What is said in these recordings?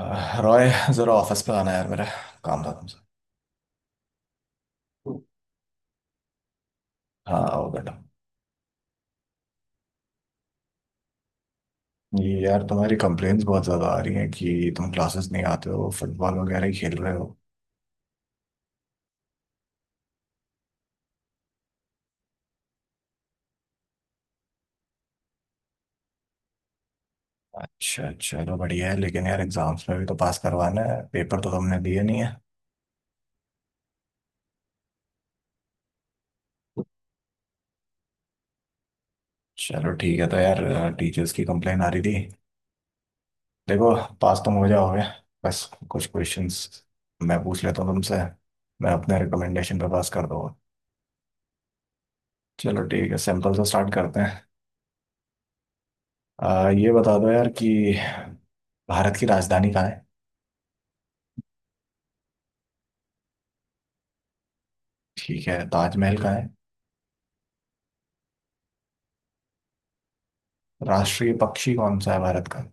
रॉय, जरा ऑफिस पे आना यार। मेरा काम था तुमसे। हाँ, आओ बेटा। ये यार, तुम्हारी कंप्लेन्स बहुत ज्यादा आ रही हैं कि तुम क्लासेस नहीं आते हो, फुटबॉल वगैरह ही खेल रहे हो। अच्छा, चलो बढ़िया है। लेकिन यार एग्जाम्स में भी तो पास करवाना है, पेपर तो तुमने दिए नहीं है। चलो ठीक है, तो यार टीचर्स की कंप्लेन आ रही थी। देखो, पास तुम हो जाओगे। बस कुछ क्वेश्चंस मैं पूछ लेता हूँ तुमसे, मैं अपने रिकमेंडेशन पे पास कर दूंगा। चलो ठीक है, सिंपल से स्टार्ट करते हैं। ये बता दो यार कि भारत की राजधानी कहाँ है? ठीक है, ताजमहल कहाँ है? राष्ट्रीय पक्षी कौन सा है भारत का?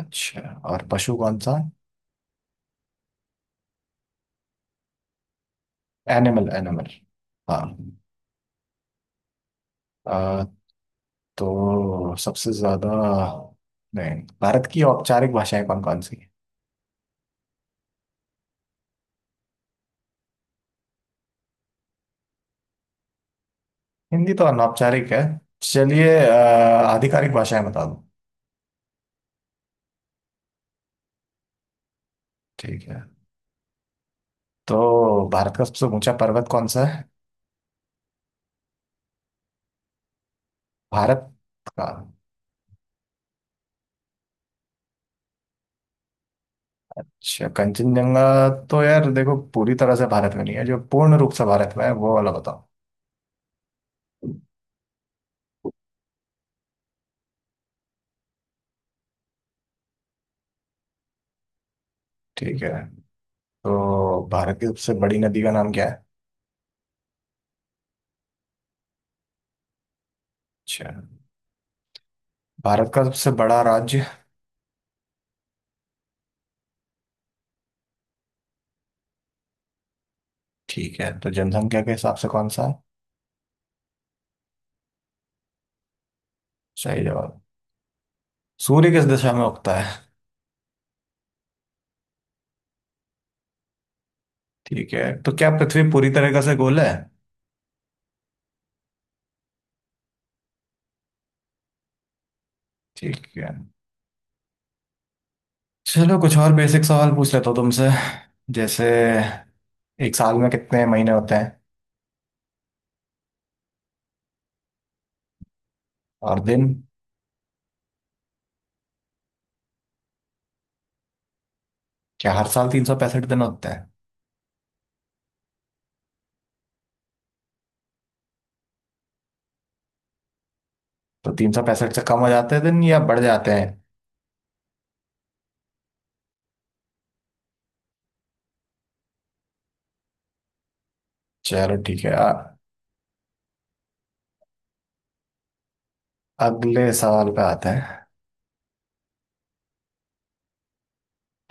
अच्छा, और पशु कौन सा? Animal, animal. हाँ। आ, तो सबसे ज्यादा, नहीं, भारत की औपचारिक भाषाएं कौन कौन सी हैं? हिंदी तो अनौपचारिक है। चलिए, आधिकारिक भाषाएं बता दो। ठीक है, तो भारत का सबसे ऊंचा पर्वत कौन सा है? भारत का। अच्छा, कंचनजंगा। तो यार देखो, पूरी तरह से भारत में नहीं है। जो पूर्ण रूप से भारत में है वो वाला बताओ। ठीक है, तो भारत की सबसे बड़ी नदी का नाम क्या है? अच्छा। भारत का सबसे बड़ा राज्य। ठीक है, तो जनसंख्या के हिसाब से कौन सा है? सही जवाब। सूर्य किस दिशा में उगता है? ठीक है, तो क्या पृथ्वी पूरी तरीके से गोल है? ठीक है। चलो कुछ और बेसिक सवाल पूछ लेता हूँ तुमसे। जैसे, एक साल में कितने महीने होते हैं? और दिन? क्या हर साल 365 दिन होते हैं? तो 365 से कम हो जाते हैं दिन या बढ़ जाते हैं? चलो ठीक है, अगले सवाल पे आते हैं।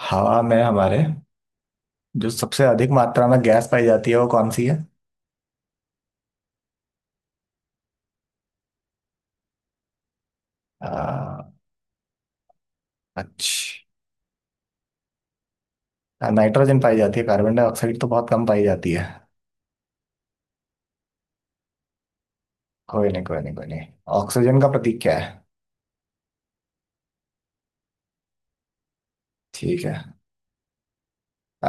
हवा में हमारे जो सबसे अधिक मात्रा में गैस पाई जाती है वो कौन सी है? आ, अच्छा। नाइट्रोजन पाई जाती है, कार्बन डाइऑक्साइड तो बहुत कम पाई जाती है। कोई नहीं, कोई नहीं, कोई नहीं। ऑक्सीजन का प्रतीक क्या है? ठीक है।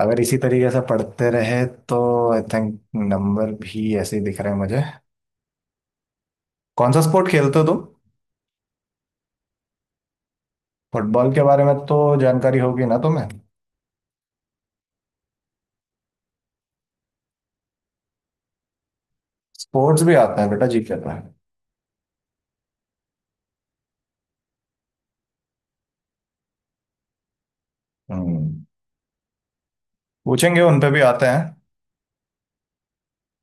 अगर इसी तरीके से पढ़ते रहे तो आई थिंक नंबर भी ऐसे ही दिख रहे हैं मुझे। कौन सा स्पोर्ट खेलते हो तुम? फुटबॉल के बारे में तो जानकारी होगी ना तुम्हें? स्पोर्ट्स भी आता है बेटा, जी कर रहा है। हम्म। पूछेंगे, उन पे भी आते हैं।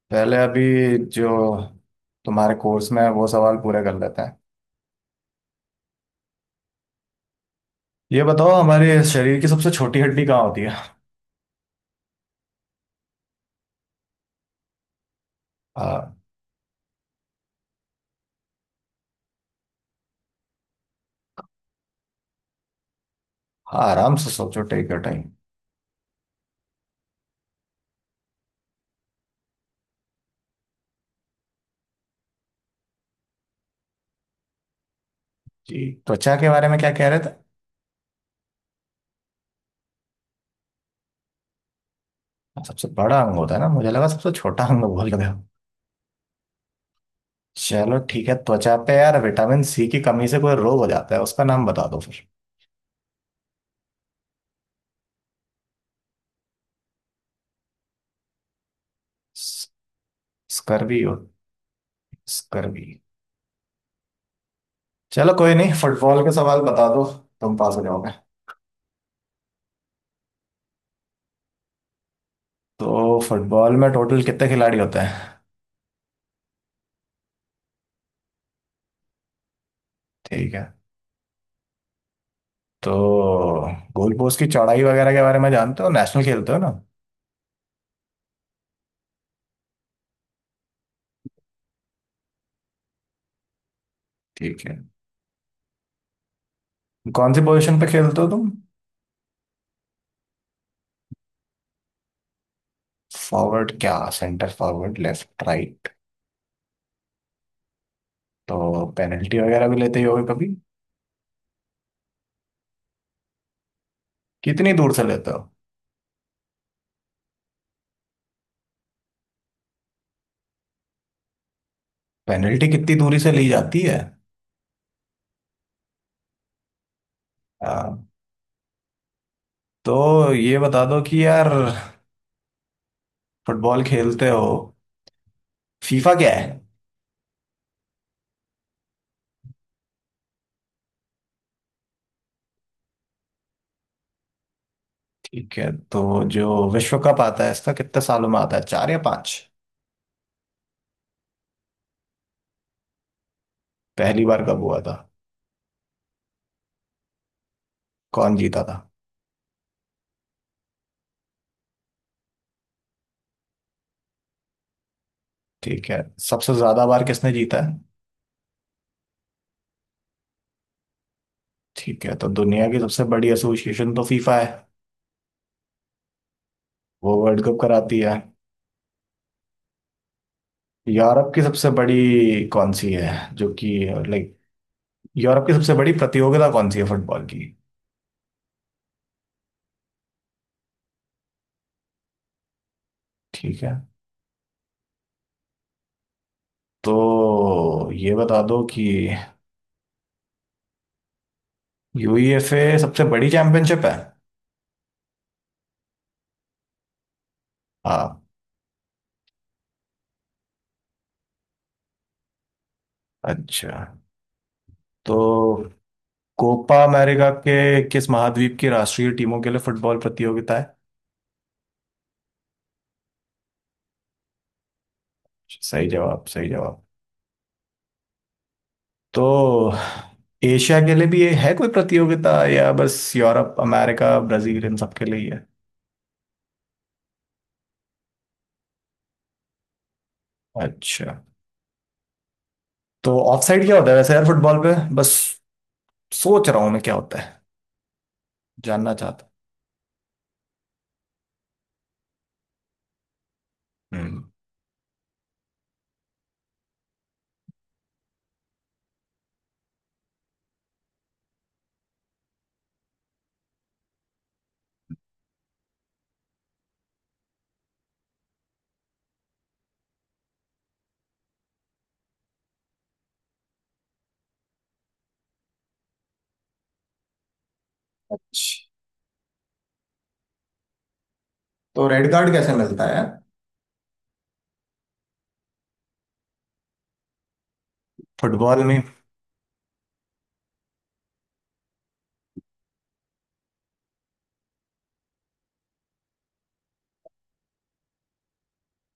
पहले अभी जो तुम्हारे कोर्स में है वो सवाल पूरे कर लेते हैं। ये बताओ, हमारे शरीर की सबसे छोटी हड्डी कहाँ होती है? आ, हाँ, आराम से सोचो, टेक योर टाइम। जी, त्वचा के बारे में क्या कह रहे थे? सबसे बड़ा अंग होता है ना, मुझे लगा सबसे छोटा अंग बोल रहे हो। चलो ठीक है, त्वचा पे। यार विटामिन सी की कमी से कोई रोग हो जाता है, उसका नाम बता दो फिर। स्कर्वी हो। स्कर्वी। चलो कोई नहीं, फुटबॉल के सवाल बता दो। तुम पास हो जाओगे। तो फुटबॉल में टोटल कितने खिलाड़ी होते हैं? ठीक है। तो गोल पोस्ट की चौड़ाई वगैरह के बारे में जानते हो, नेशनल खेलते हो ना? ठीक है। कौन सी पोजीशन पे खेलते हो तुम? फॉरवर्ड क्या, सेंटर फॉरवर्ड, लेफ्ट, राइट? तो पेनल्टी वगैरह भी लेते ही होगे कभी। कितनी दूर से लेते हो? पेनल्टी कितनी दूरी से ली जाती है? हाँ, तो ये बता दो कि यार, फुटबॉल खेलते हो, फीफा क्या है? ठीक है, तो जो विश्व कप आता है, इसका कितने सालों में आता है, चार या पांच? पहली बार कब हुआ था? कौन जीता था? ठीक है। सबसे ज्यादा बार किसने जीता है? ठीक है, तो दुनिया की सबसे बड़ी एसोसिएशन तो फीफा है। वो वर्ल्ड कप कराती है। यूरोप की सबसे बड़ी कौन सी है जो कि, लाइक, यूरोप की सबसे बड़ी प्रतियोगिता कौन सी है फुटबॉल की? ठीक है, तो ये बता दो कि यूईएफए सबसे बड़ी चैंपियनशिप है? हाँ। अच्छा, तो कोपा अमेरिका के किस महाद्वीप की राष्ट्रीय टीमों के लिए फुटबॉल प्रतियोगिता है? सही जवाब, सही जवाब। तो एशिया के लिए भी ये है कोई प्रतियोगिता, या बस यूरोप, अमेरिका, ब्राजील, इन सब के लिए ही है? अच्छा, तो ऑफसाइड क्या होता है वैसे यार, फुटबॉल पे बस सोच रहा हूँ मैं, क्या होता है, जानना चाहता हूँ। हम्म। अच्छा, तो रेड कार्ड कैसे मिलता है फुटबॉल में?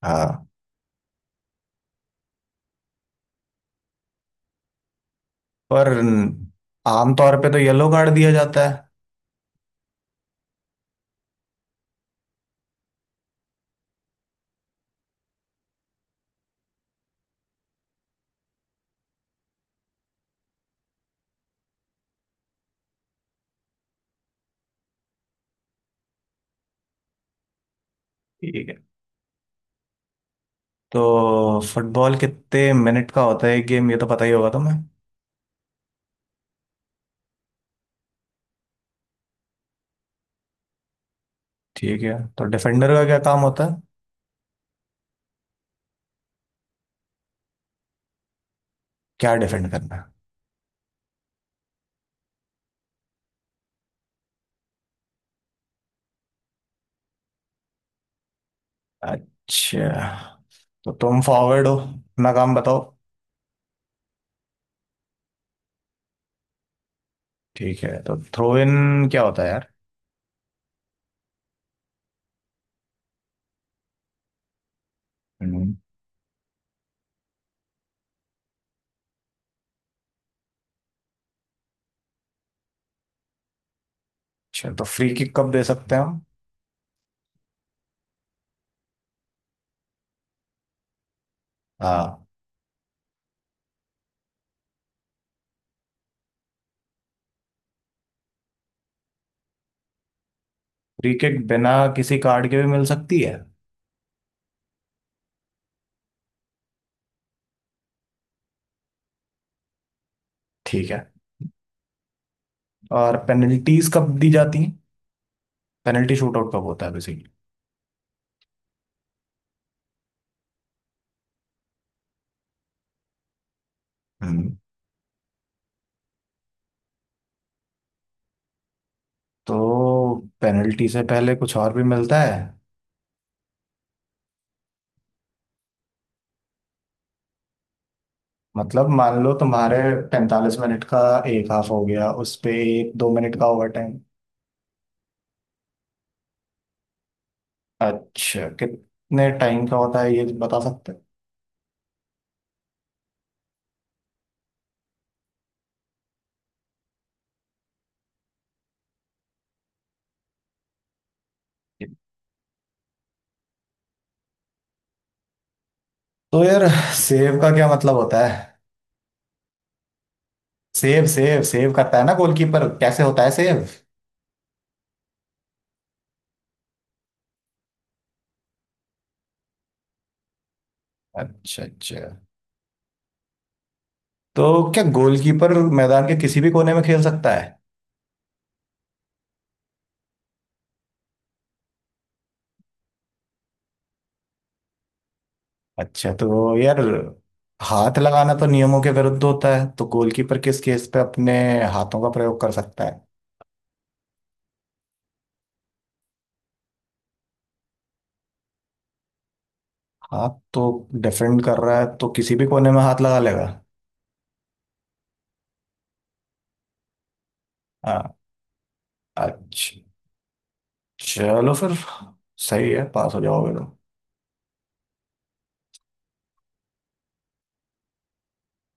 हाँ, पर आमतौर पे तो येलो कार्ड दिया जाता है। ठीक है। तो फुटबॉल कितने मिनट का होता है एक गेम, ये तो पता ही होगा तुम्हें? ठीक है, तो डिफेंडर का क्या काम होता है? क्या डिफेंड करना है? अच्छा, तो तुम फॉरवर्ड हो, अपना काम बताओ। ठीक है, तो थ्रो इन क्या होता है यार? हम्म। अच्छा, तो फ्री किक कब दे सकते हैं हम? हाँ। फ्री किक बिना किसी कार्ड के भी मिल सकती है? ठीक है। और पेनल्टीज कब दी जाती हैं? पेनल्टी शूट आउट कब होता है बेसिकली? हम्म। तो पेनल्टी से पहले कुछ और भी मिलता है? मतलब मान लो तुम्हारे 45 मिनट का एक हाफ हो गया, उस पे एक दो मिनट का ओवर टाइम। अच्छा, कितने टाइम का होता है, ये बता सकते हो? तो यार, सेव का क्या मतलब होता है? सेव, सेव, सेव करता है ना गोलकीपर, कैसे होता है सेव? अच्छा, अच्छा। तो क्या गोलकीपर मैदान के किसी भी कोने में खेल सकता है? अच्छा, तो यार हाथ लगाना तो नियमों के विरुद्ध होता है, तो गोलकीपर किस केस पे अपने हाथों का प्रयोग कर सकता है? हाथ तो? डिफेंड कर रहा है तो किसी भी कोने में हाथ लगा लेगा? हाँ। अच्छा, चलो फिर। सही है, पास हो जाओगे तो।